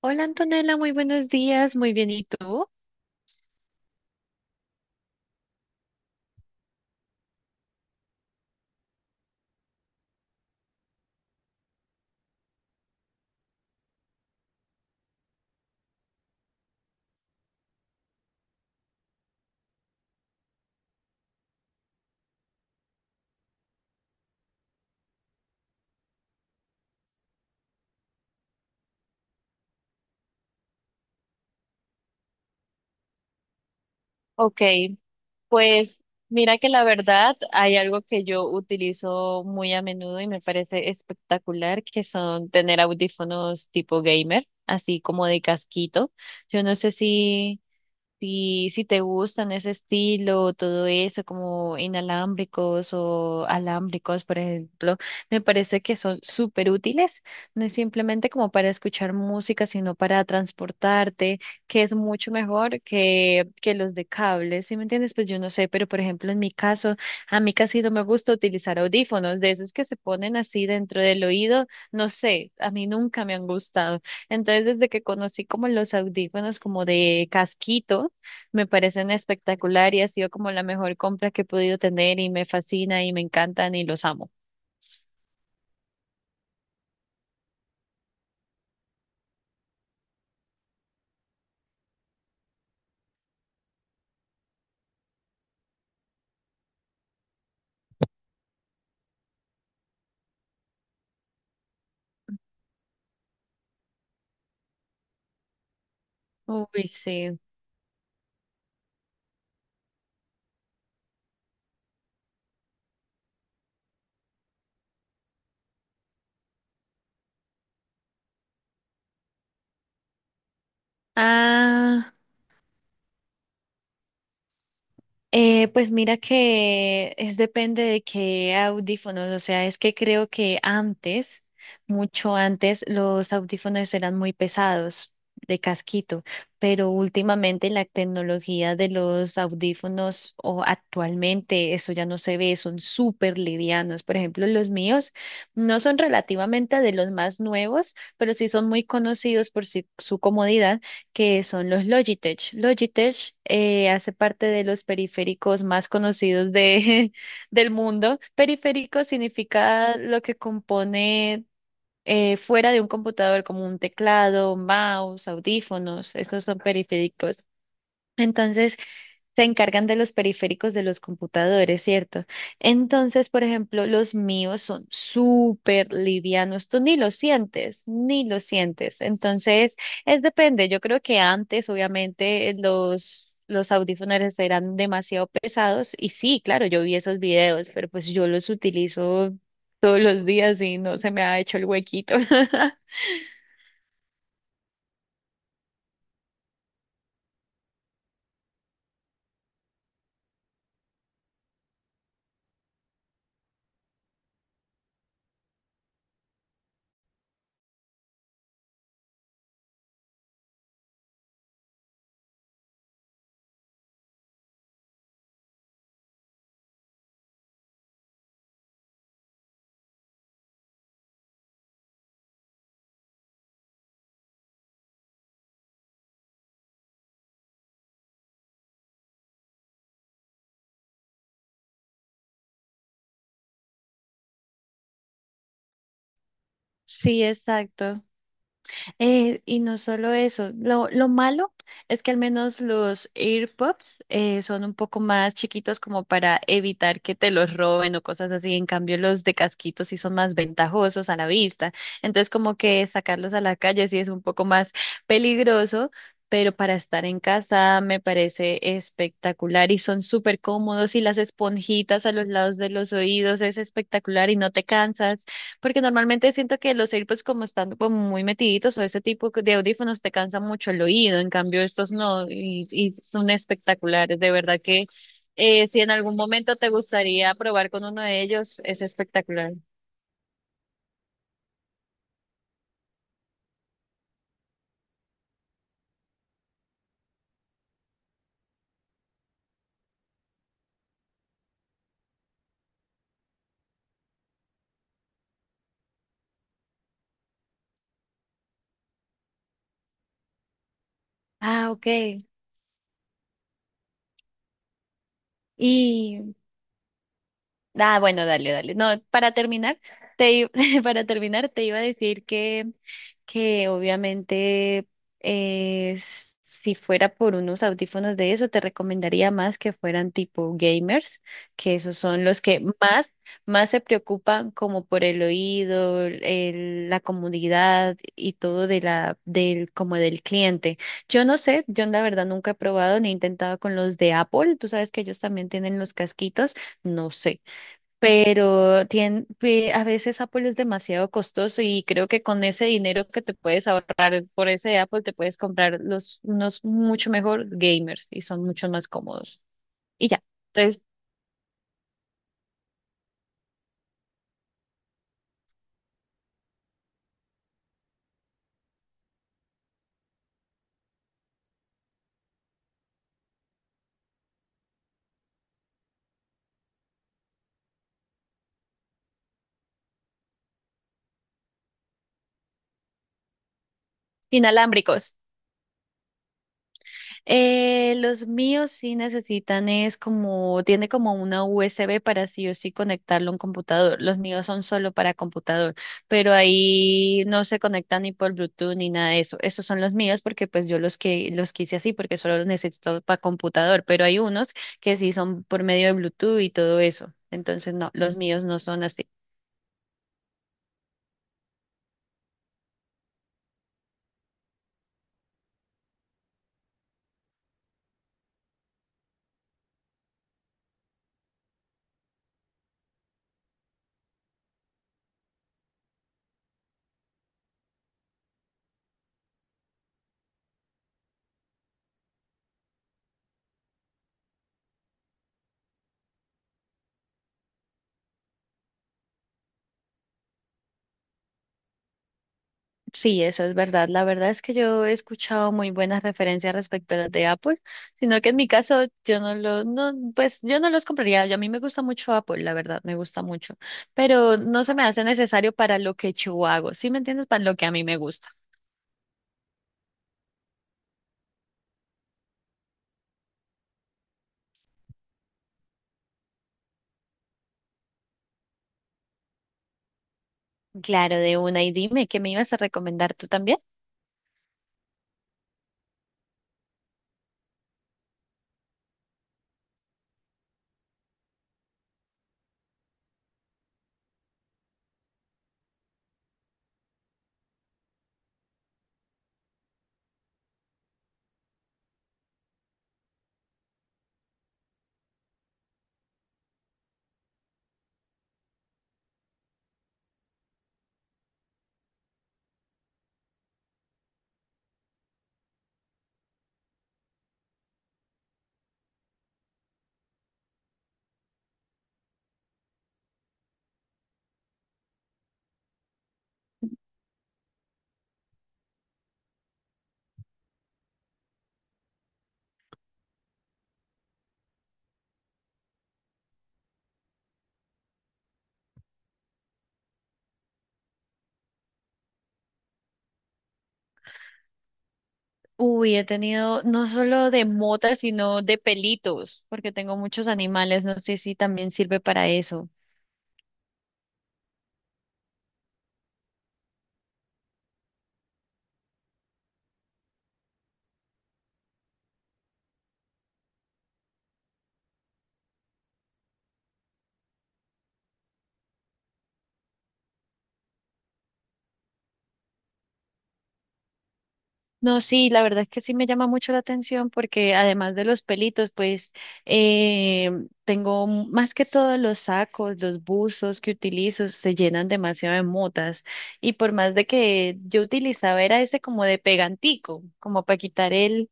Hola Antonella, muy buenos días, muy bien, ¿y tú? Ok, pues mira que la verdad hay algo que yo utilizo muy a menudo y me parece espectacular, que son tener audífonos tipo gamer, así como de casquito. Yo no sé si. Si, si te gustan ese estilo, todo eso, como inalámbricos o alámbricos, por ejemplo, me parece que son súper útiles. No es simplemente como para escuchar música, sino para transportarte, que es mucho mejor que los de cables, ¿sí me entiendes? Pues yo no sé, pero por ejemplo, en mi caso, a mí casi no me gusta utilizar audífonos, de esos que se ponen así dentro del oído, no sé, a mí nunca me han gustado. Entonces, desde que conocí como los audífonos como de casquito, me parecen espectacular y ha sido como la mejor compra que he podido tener y me fascina y me encantan y los amo. Uy, sí. Ah. Pues mira que es depende de qué audífonos, o sea, es que creo que antes, mucho antes, los audífonos eran muy pesados de casquito, pero últimamente la tecnología de los audífonos o actualmente eso ya no se ve, son súper livianos. Por ejemplo, los míos no son relativamente de los más nuevos, pero sí son muy conocidos por su comodidad, que son los Logitech. Logitech hace parte de los periféricos más conocidos de, del mundo. Periférico significa lo que compone fuera de un computador, como un teclado, mouse, audífonos, esos son periféricos. Entonces, se encargan de los periféricos de los computadores, ¿cierto? Entonces, por ejemplo, los míos son súper livianos. Tú ni los sientes, ni los sientes. Entonces, es depende. Yo creo que antes, obviamente, los... Los audífonos eran demasiado pesados y sí, claro, yo vi esos videos, pero pues yo los utilizo todos los días y no se me ha hecho el huequito. Sí, exacto. Y no solo eso, lo malo es que al menos los AirPods son un poco más chiquitos como para evitar que te los roben o cosas así. En cambio, los de casquitos sí son más ventajosos a la vista. Entonces, como que sacarlos a la calle sí es un poco más peligroso, pero para estar en casa me parece espectacular y son súper cómodos y las esponjitas a los lados de los oídos es espectacular y no te cansas. Porque normalmente siento que los AirPods como están como muy metiditos o ese tipo de audífonos te cansa mucho el oído, en cambio estos no, y son espectaculares, de verdad que si en algún momento te gustaría probar con uno de ellos, es espectacular. Ah, ok. ¿Y, ah, bueno, dale, dale. No, para terminar, te, i- para terminar, te iba a decir que obviamente si fuera por unos audífonos de eso, te recomendaría más que fueran tipo gamers, que esos son los que más, más se preocupan como por el oído, la comodidad y todo de la, del, como del cliente. Yo no sé, yo la verdad nunca he probado ni he intentado con los de Apple. Tú sabes que ellos también tienen los casquitos. No sé, pero a veces Apple es demasiado costoso y creo que con ese dinero que te puedes ahorrar por ese Apple te puedes comprar los unos mucho mejor gamers y son mucho más cómodos. Y ya, entonces, inalámbricos. Los míos sí necesitan es como, tiene como una USB para sí o sí conectarlo a un computador. Los míos son solo para computador, pero ahí no se conectan ni por Bluetooth ni nada de eso. Esos son los míos porque pues yo los que los quise así porque solo los necesito para computador, pero hay unos que sí son por medio de Bluetooth y todo eso. Entonces no, los míos no son así. Sí, eso es verdad. La verdad es que yo he escuchado muy buenas referencias respecto a las de Apple, sino que en mi caso yo no lo, no, pues yo no los compraría. Yo- a mí me gusta mucho Apple, la verdad, me gusta mucho, pero no se me hace necesario para lo que yo hago, ¿sí me entiendes? Para lo que a mí me gusta. Claro, de una. Y dime, ¿qué me ibas a recomendar tú también? Uy, he tenido no solo de motas, sino de pelitos, porque tengo muchos animales. No sé si también sirve para eso. No, sí, la verdad es que sí me llama mucho la atención porque además de los pelitos, pues eh, tengo más que todo los sacos, los buzos que utilizo se llenan demasiado de motas y por más de que yo utilizaba era ese como de pegantico, como para quitar el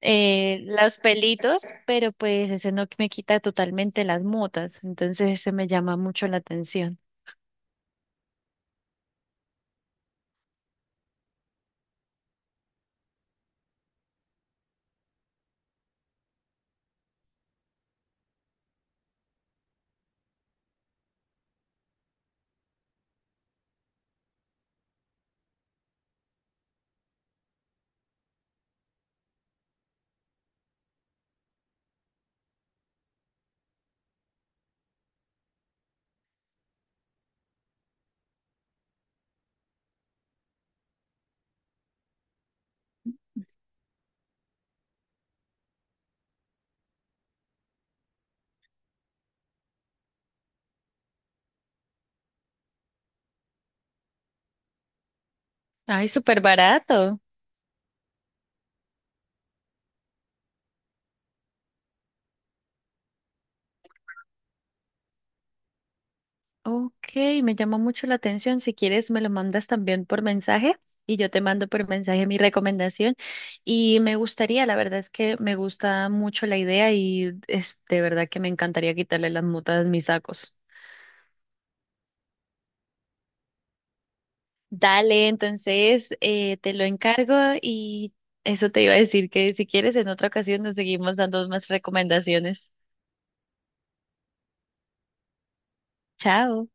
los pelitos, pero pues ese no me quita totalmente las motas, entonces ese me llama mucho la atención. Ay, súper barato. Ok, me llama mucho la atención. Si quieres, me lo mandas también por mensaje y yo te mando por mensaje mi recomendación. Y me gustaría, la verdad es que me gusta mucho la idea y es de verdad que me encantaría quitarle las mutas a mis sacos. Dale, entonces te lo encargo y eso te iba a decir que si quieres en otra ocasión nos seguimos dando más recomendaciones. Chao.